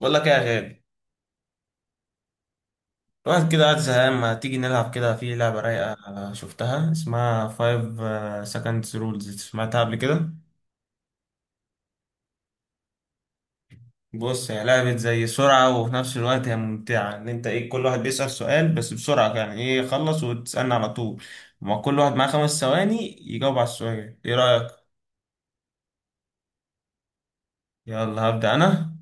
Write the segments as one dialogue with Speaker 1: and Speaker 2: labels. Speaker 1: بقول لك ايه يا غالي. الواحد كده قاعد زهقان، ما تيجي نلعب كده في لعبة رايقة شفتها اسمها 5 seconds rules، سمعتها قبل كده؟ بص، هي لعبة زي سرعة وفي نفس الوقت هي ممتعة، ان انت كل واحد بيسأل سؤال بس بسرعة، يعني يخلص وتسألني على طول. ما كل واحد معاه خمس ثواني يجاوب على السؤال، ايه رأيك؟ يلا هبدأ انا.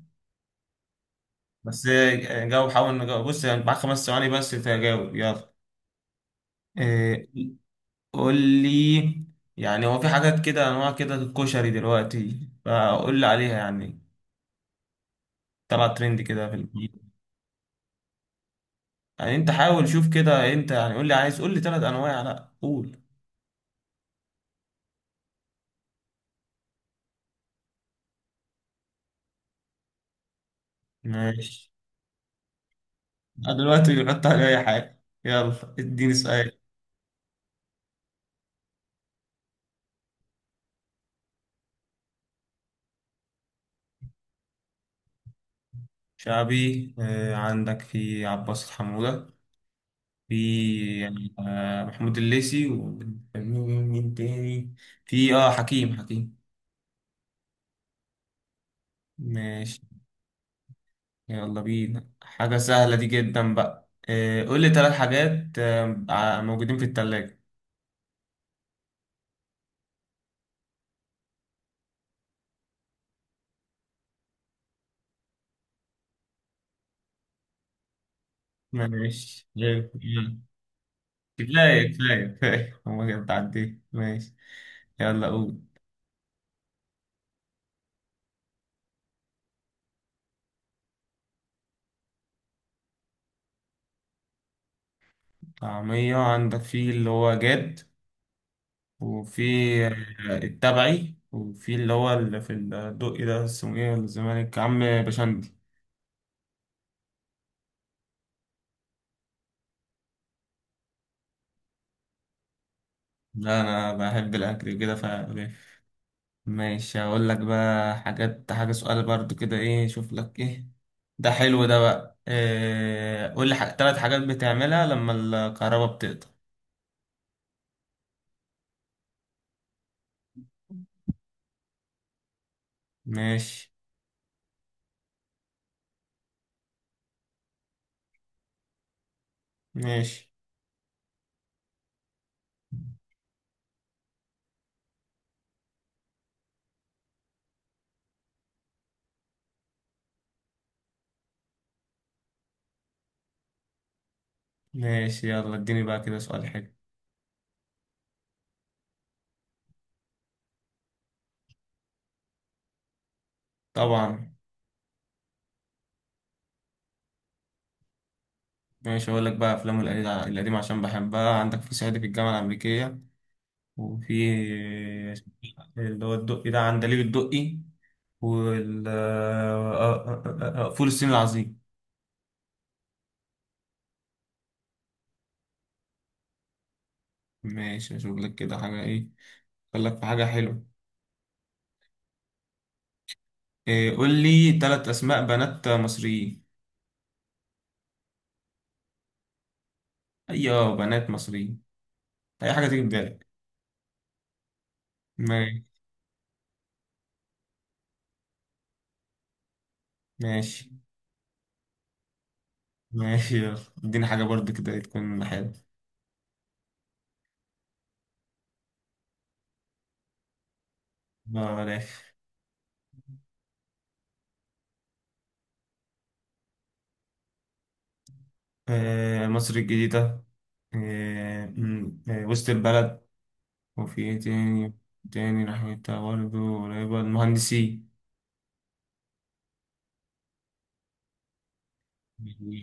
Speaker 1: بس جاوب، حاول نجاوب. بص يعني معاك خمس ثواني بس تجاوب، يلا إيه قول لي، يعني هو في حاجات كده، انواع كده الكشري دلوقتي، فقول لي عليها يعني. طلع ترند كده في الجديد. يعني انت حاول شوف كده، انت يعني قول لي، عايز قول لي ثلاث انواع، لا قول. ماشي. أنا دلوقتي بيحط على اي حاجه، يلا اديني سؤال. شعبي، عندك في عباس حمودة، في، يعني محمود الليثي، ومين تاني؟ في حكيم حكيم. ماشي، يلا بينا حاجة سهلة دي جدا. بقى قول لي ثلاث حاجات، موجودين في التلاجة. ماشي يلا. كفاية كفاية كفاية هما كده بتعدي. ماشي، يلا قول. طعمية عندك في اللي هو جاد، وفي التبعي، وفي اللي هو اللي في الدقي ده اسمه ايه، ولا الزمالك عم بشندي. لا انا بحب الاكل كده ف. ماشي، هقول لك بقى حاجة، سؤال برضو كده ايه، شوف لك ايه ده، حلو ده. بقى قول لي تلات حاجات بتعملها لما الكهرباء بتقطع. ماشي. ماشي. ماشي، يلا اديني بقى كده سؤال حلو. طبعا. ماشي، هقول لك بقى افلام القديمة عشان بحبها، عندك في صعيدي في الجامعة الأمريكية، وفي اللي هو الدقي ده عندليب الدقي، وال فول الصين العظيم. ماشي اشوف لك كده حاجة ايه، قال لك في حاجة حلوة. قول لي ثلاث أسماء بنات مصريين. أيوة، بنات مصريين، أي حاجة تيجي في بالك. ما- ماشي. ماشي، يلا اديني حاجة برضه كده تكون حلوة. بلاش. آه، مصر الجديدة، وسط البلد، وفي إيه تاني، تاني ناحيتها برضه قريبة، المهندسين.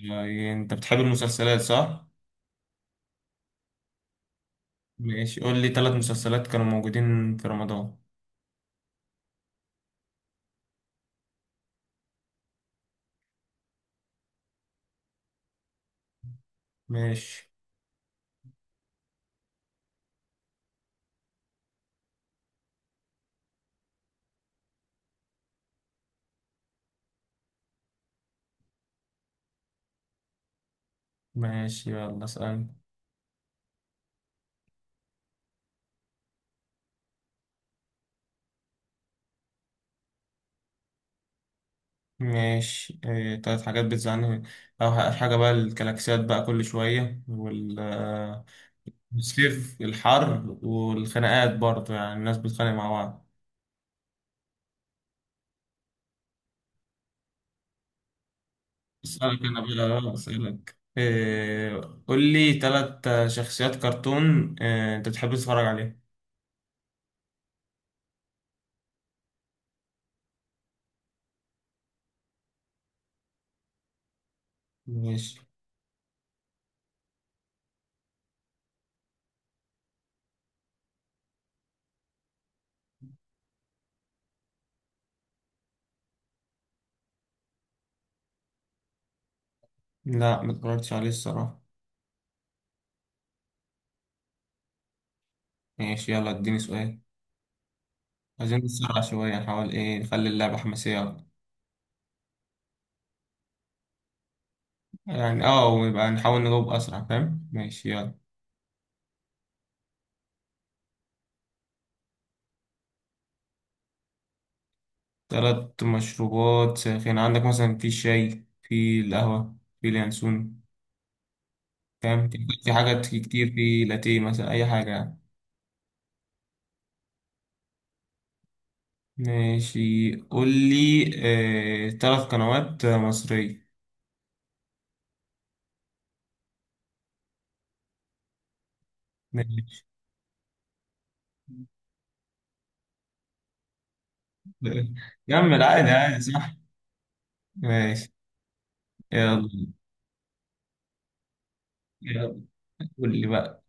Speaker 1: يعني أنت بتحب المسلسلات صح؟ ماشي، قول لي ثلاث مسلسلات كانوا موجودين في رمضان. ماشي. ماشي، يلا اسأل. ماشي تلات حاجات بتزعلني، أو حاجة بقى الكلاكسيات بقى كل شوية، وال الصيف الحر، والخناقات برضه، يعني الناس بتتخانق مع بعض. أسألك أنا بقى، أسألك قول لي تلات شخصيات كرتون، أنت بتحب تتفرج عليه. ماشي. لا متفرجتش عليه الصراحة. ماشي، يلا اديني سؤال، عايزين نسرع شوية، نحاول نخلي اللعبة حماسية أكتر. يعني اه، ويبقى نحاول نجاوب أسرع فاهم، ماشي يلا. تلات مشروبات ساخنة، عندك مثلا في الشاي، في القهوة، في اليانسون، فاهم؟ في حاجات كتير، في لاتيه مثلا، أي حاجة يعني. ماشي قول لي، تلات قنوات مصرية. ماشي كمل عادي، عادي صح. ماشي. يلا. يلا قول لي بقى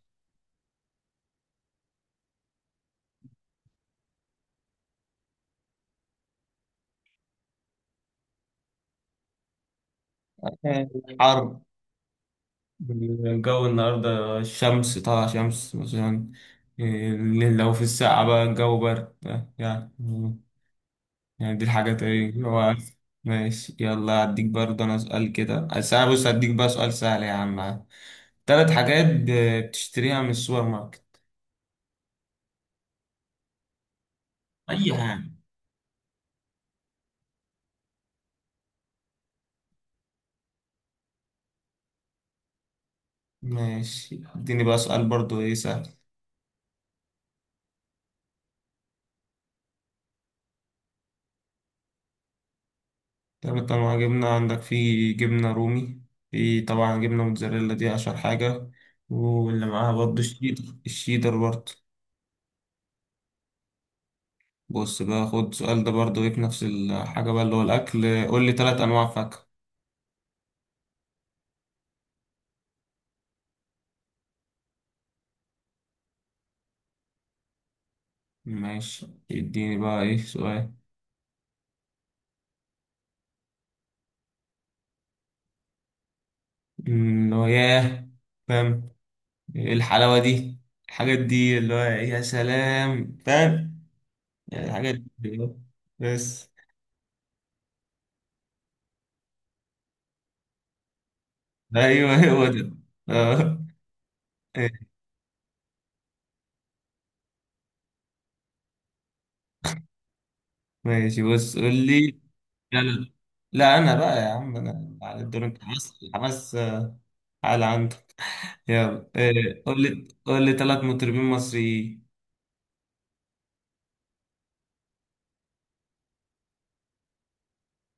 Speaker 1: آه، حر، الجو النهاردة الشمس طالعة، شمس مثلا، إيه، لو في الساعة بقى الجو برد يعني، يعني دي الحاجات ايه اللي هو. ماشي، يلا هديك برضه انا سؤال كده، بس انا بص هديك بقى سؤال سهل يا عم. تلات حاجات بتشتريها من السوبر ماركت، اي حاجة. ماشي، اديني بقى سؤال برضه ايه سهل. تلات انواع جبنة، عندك في جبنة رومي، في طبعا جبنة موتزاريلا دي اشهر حاجة، واللي معاها برضه الشيدر، الشيدر برضه. بص بقى، خد السؤال ده برضه ايه في نفس الحاجة بقى اللي هو الأكل، قول لي تلات أنواع فاكهة. ماشي اديني بقى ايه سؤال. اللي هو ياه، فاهم، ايه الحلاوة دي، الحاجات دي اللي هو يا سلام، فاهم، يعني الحاجات دي بس. ايوه هو ده. اه. ماشي، بص قول لي. لا لا، لا انا بقى يا عم انا على الدور، انت حماس حماس، على عندك. يلا قول لي ثلاث مطربين مصريين.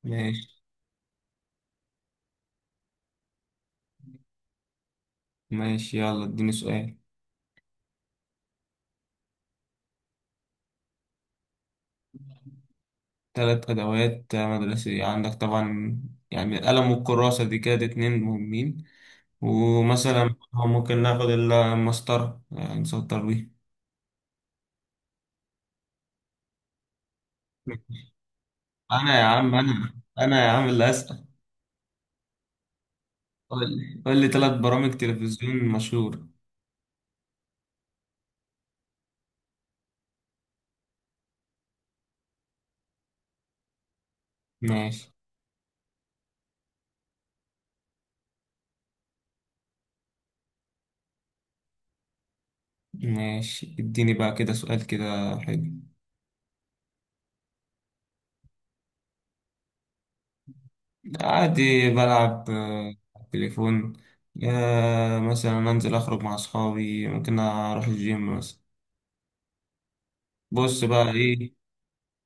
Speaker 1: ماشي. ماشي، يلا اديني سؤال. ثلاث ادوات مدرسية، عندك طبعا يعني القلم والكراسة دي كده اتنين مهمين، ومثلا تمام ممكن ناخد المسطرة يعني نسطر بيه. أنا يا عم، أنا أنا يا عم اللي أسأل. قول لي تلات برامج تلفزيون مشهور. ماشي. ماشي، اديني بقى كده سؤال كده حلو. عادي بلعب على التليفون، مثلا أنزل أخرج مع أصحابي، ممكن أروح الجيم مثلا. بص بقى إيه،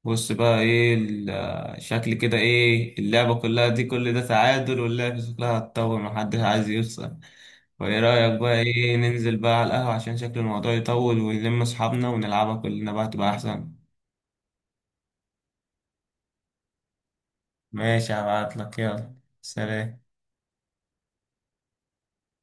Speaker 1: بص بقى ايه شكل كده ايه اللعبة كلها دي، كل ده تعادل، واللعبة شكلها هتطول، محدش عايز يخسر، وايه رأيك بقى ايه ننزل بقى على القهوة، عشان شكل الموضوع يطول، ونلم اصحابنا ونلعبها كلنا بقى تبقى احسن. ماشي، هبعتلك يلا. سلام.